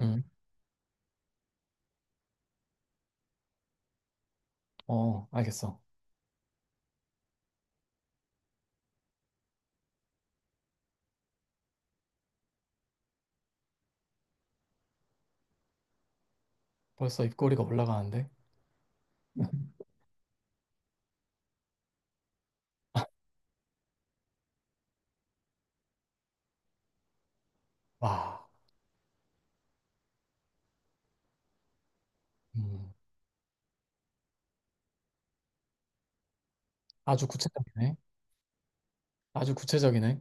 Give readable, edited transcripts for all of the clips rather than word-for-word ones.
음. 어, 알겠어. 벌써 입꼬리가 올라가는데? 와, 음, 아주 구체적이네. 아주 구체적이네.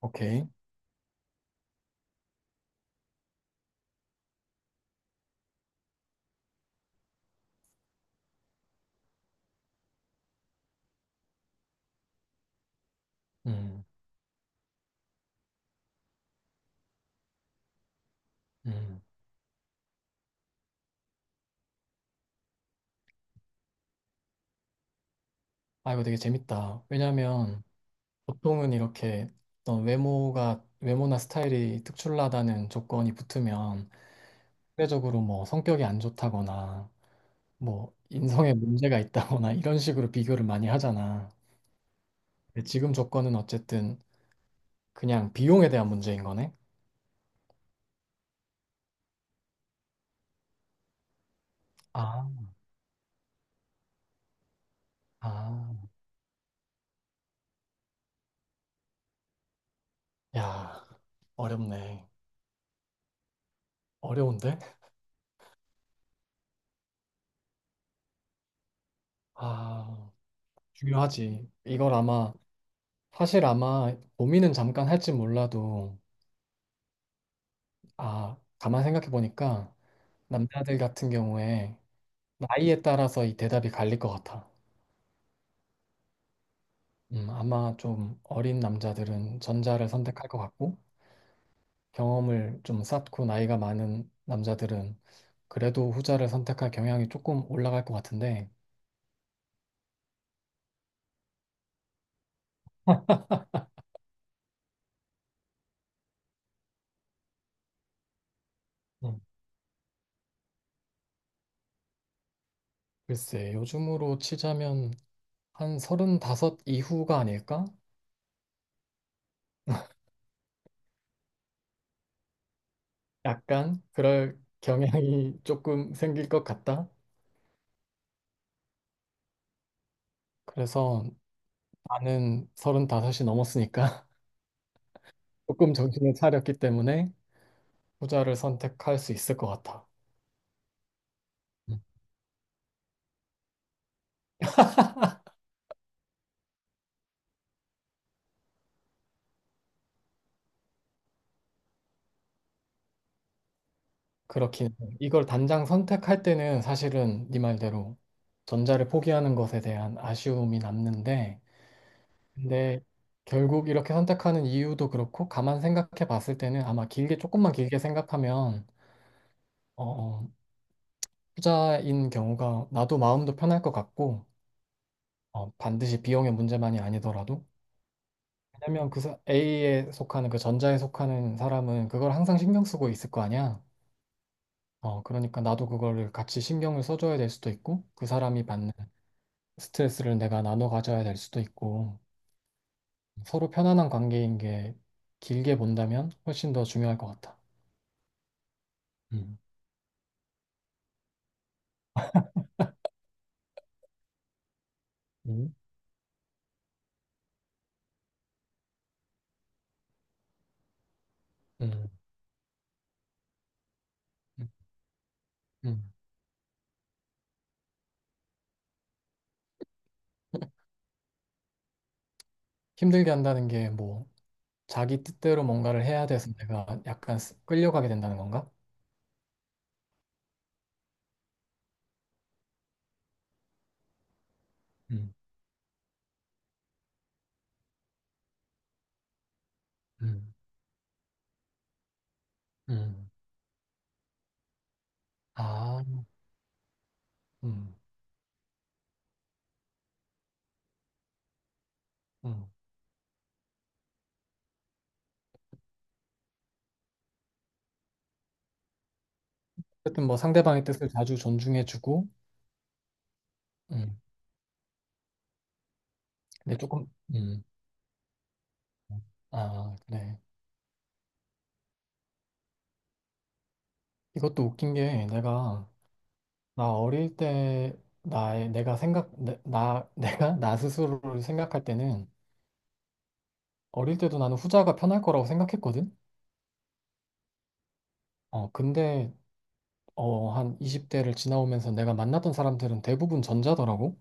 오케이. 음. 음. 아, 이거 되게 재밌다. 왜냐면 보통은 이렇게 어떤 외모나 스타일이 특출나다는 조건이 붙으면 상대적으로 뭐 성격이 안 좋다거나 뭐 인성에 문제가 있다거나 이런 식으로 비교를 많이 하잖아. 근데 지금 조건은 어쨌든 그냥 비용에 대한 문제인 거네? 아. 아. 야, 어렵네. 어려운데? 아, 중요하지. 사실 아마 고민은 잠깐 할지 몰라도, 아, 가만 생각해 보니까 남자들 같은 경우에 나이에 따라서 이 대답이 갈릴 것 같아. 아마 좀 어린 남자들은 전자를 선택할 것 같고, 경험을 좀 쌓고 나이가 많은 남자들은 그래도 후자를 선택할 경향이 조금 올라갈 것 같은데, 음, 글쎄, 요즘으로 치자면 한 35 이후가 아닐까? 약간 그럴 경향이 조금 생길 것 같다. 그래서 나는 35가 넘었으니까 조금 정신을 차렸기 때문에 후자를 선택할 수 있을 것 같아. 음. 그렇긴 해. 이걸 단장 선택할 때는 사실은 네 말대로 전자를 포기하는 것에 대한 아쉬움이 남는데, 근데 결국 이렇게 선택하는 이유도 그렇고 가만 생각해 봤을 때는 아마 길게 조금만 길게 생각하면 어, 어, 투자인 경우가 나도 마음도 편할 것 같고 반드시 비용의 문제만이 아니더라도 왜냐면 그 A에 속하는 그 전자에 속하는 사람은 그걸 항상 신경 쓰고 있을 거 아니야. 그러니까 나도 그거를 같이 신경을 써줘야 될 수도 있고 그 사람이 받는 스트레스를 내가 나눠 가져야 될 수도 있고 서로 편안한 관계인 게 길게 본다면 훨씬 더 중요할 것 같아. 음. 음. 음. 음. 힘들게 한다는 게뭐 자기 뜻대로 뭔가를 해야 돼서 내가 약간 끌려가게 된다는 건가? 음. 음. 음. 아. 음. 음. 어쨌든 뭐 상대방의 뜻을 자주 존중해주고, 음. 근데 조금. 음. 아, 그래. 이것도 웃긴 게 내가 나 어릴 때 나의 내가 생각 내, 나 내가 나 스스로를 생각할 때는 어릴 때도 나는 후자가 편할 거라고 생각했거든. 근데 한 20대를 지나오면서 내가 만났던 사람들은 대부분 전자더라고.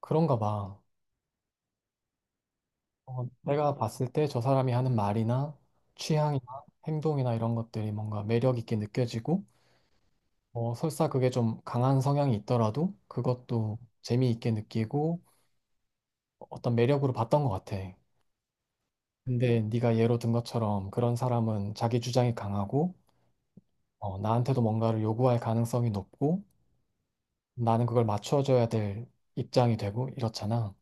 그런가 봐. 내가 봤을 때 저 사람이 하는 말이나 취향이나 행동이나 이런 것들이 뭔가 매력 있게 느껴지고, 뭐 설사 그게 좀 강한 성향이 있더라도 그것도 재미있게 느끼고 어떤 매력으로 봤던 것 같아. 근데 네가 예로 든 것처럼 그런 사람은 자기 주장이 강하고, 나한테도 뭔가를 요구할 가능성이 높고, 나는 그걸 맞춰줘야 될 입장이 되고 이렇잖아.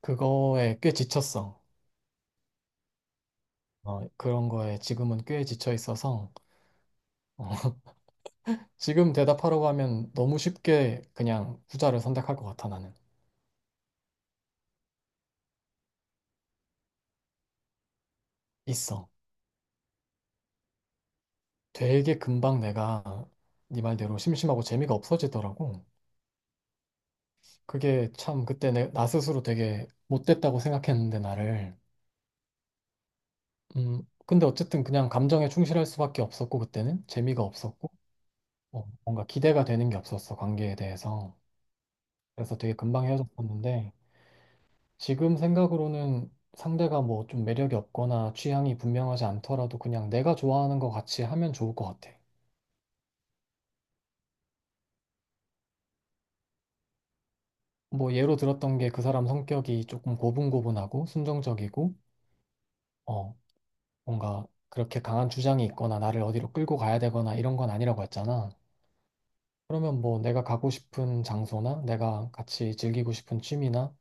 그거에 꽤 지쳤어. 그런 거에 지금은 꽤 지쳐 있어서. 어, 지금 대답하라고 하면 너무 쉽게 그냥 후자를 선택할 것 같아, 나는. 있어. 되게 금방 내가 네 말대로 심심하고 재미가 없어지더라고. 그게 참 그때 내, 나 스스로 되게 못됐다고 생각했는데, 나를. 근데 어쨌든 그냥 감정에 충실할 수밖에 없었고, 그때는 재미가 없었고, 뭔가 기대가 되는 게 없었어, 관계에 대해서. 그래서 되게 금방 헤어졌었는데, 지금 생각으로는 상대가 뭐 좀 매력이 없거나 취향이 분명하지 않더라도 그냥 내가 좋아하는 거 같이 하면 좋을 것 같아. 뭐 예로 들었던 게 그 사람 성격이 조금 고분고분하고 순정적이고, 어, 뭔가 그렇게 강한 주장이 있거나 나를 어디로 끌고 가야 되거나 이런 건 아니라고 했잖아. 그러면 뭐 내가 가고 싶은 장소나 내가 같이 즐기고 싶은 취미나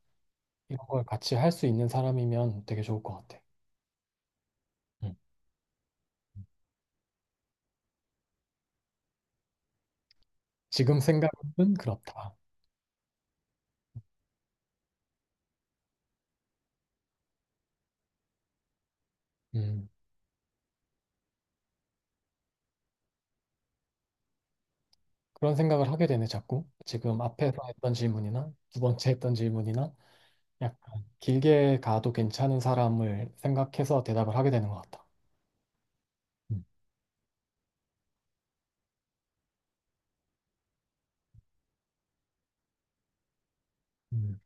이런 걸 같이 할 수 있는 사람이면 되게 좋을 것 같아. 음. 지금 생각은 그렇다. 음. 그런 생각을 하게 되네, 자꾸. 지금 앞에서 했던 질문이나 두 번째 했던 질문이나 약간 길게 가도 괜찮은 사람을 생각해서 대답을 하게 되는 것 같다. 음. 음.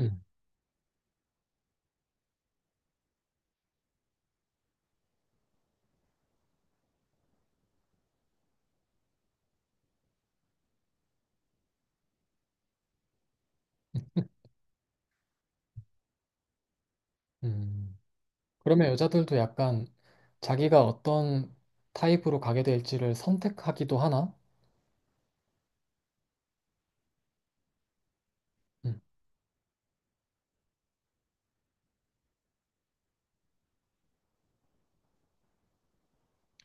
음. 음. 그러면 여자들도 약간 자기가 어떤 타입으로 가게 될지를 선택하기도 하나? 음.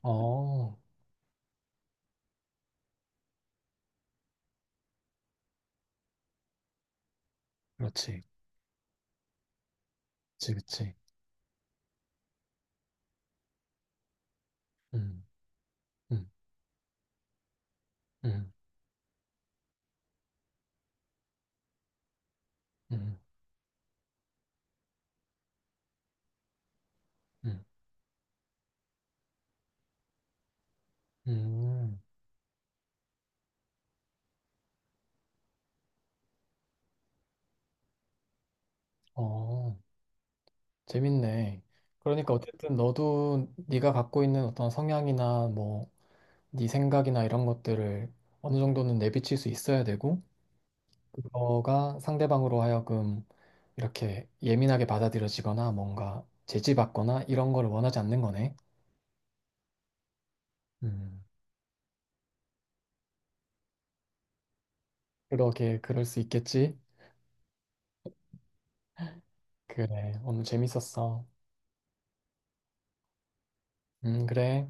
어, 그렇지. 그지 그치. 음. 음. 음. 음. 음. 음. 음. 어. 재밌네. 그러니까 어쨌든 너도 네가 갖고 있는 어떤 성향이나 뭐 네 생각이나 이런 것들을 어느 정도는 내비칠 수 있어야 되고 그거가 상대방으로 하여금 이렇게 예민하게 받아들여지거나 뭔가 제지받거나 이런 걸 원하지 않는 거네. 음. 그러게 그럴 수 있겠지. 그래. 오늘 재밌었어. 그래.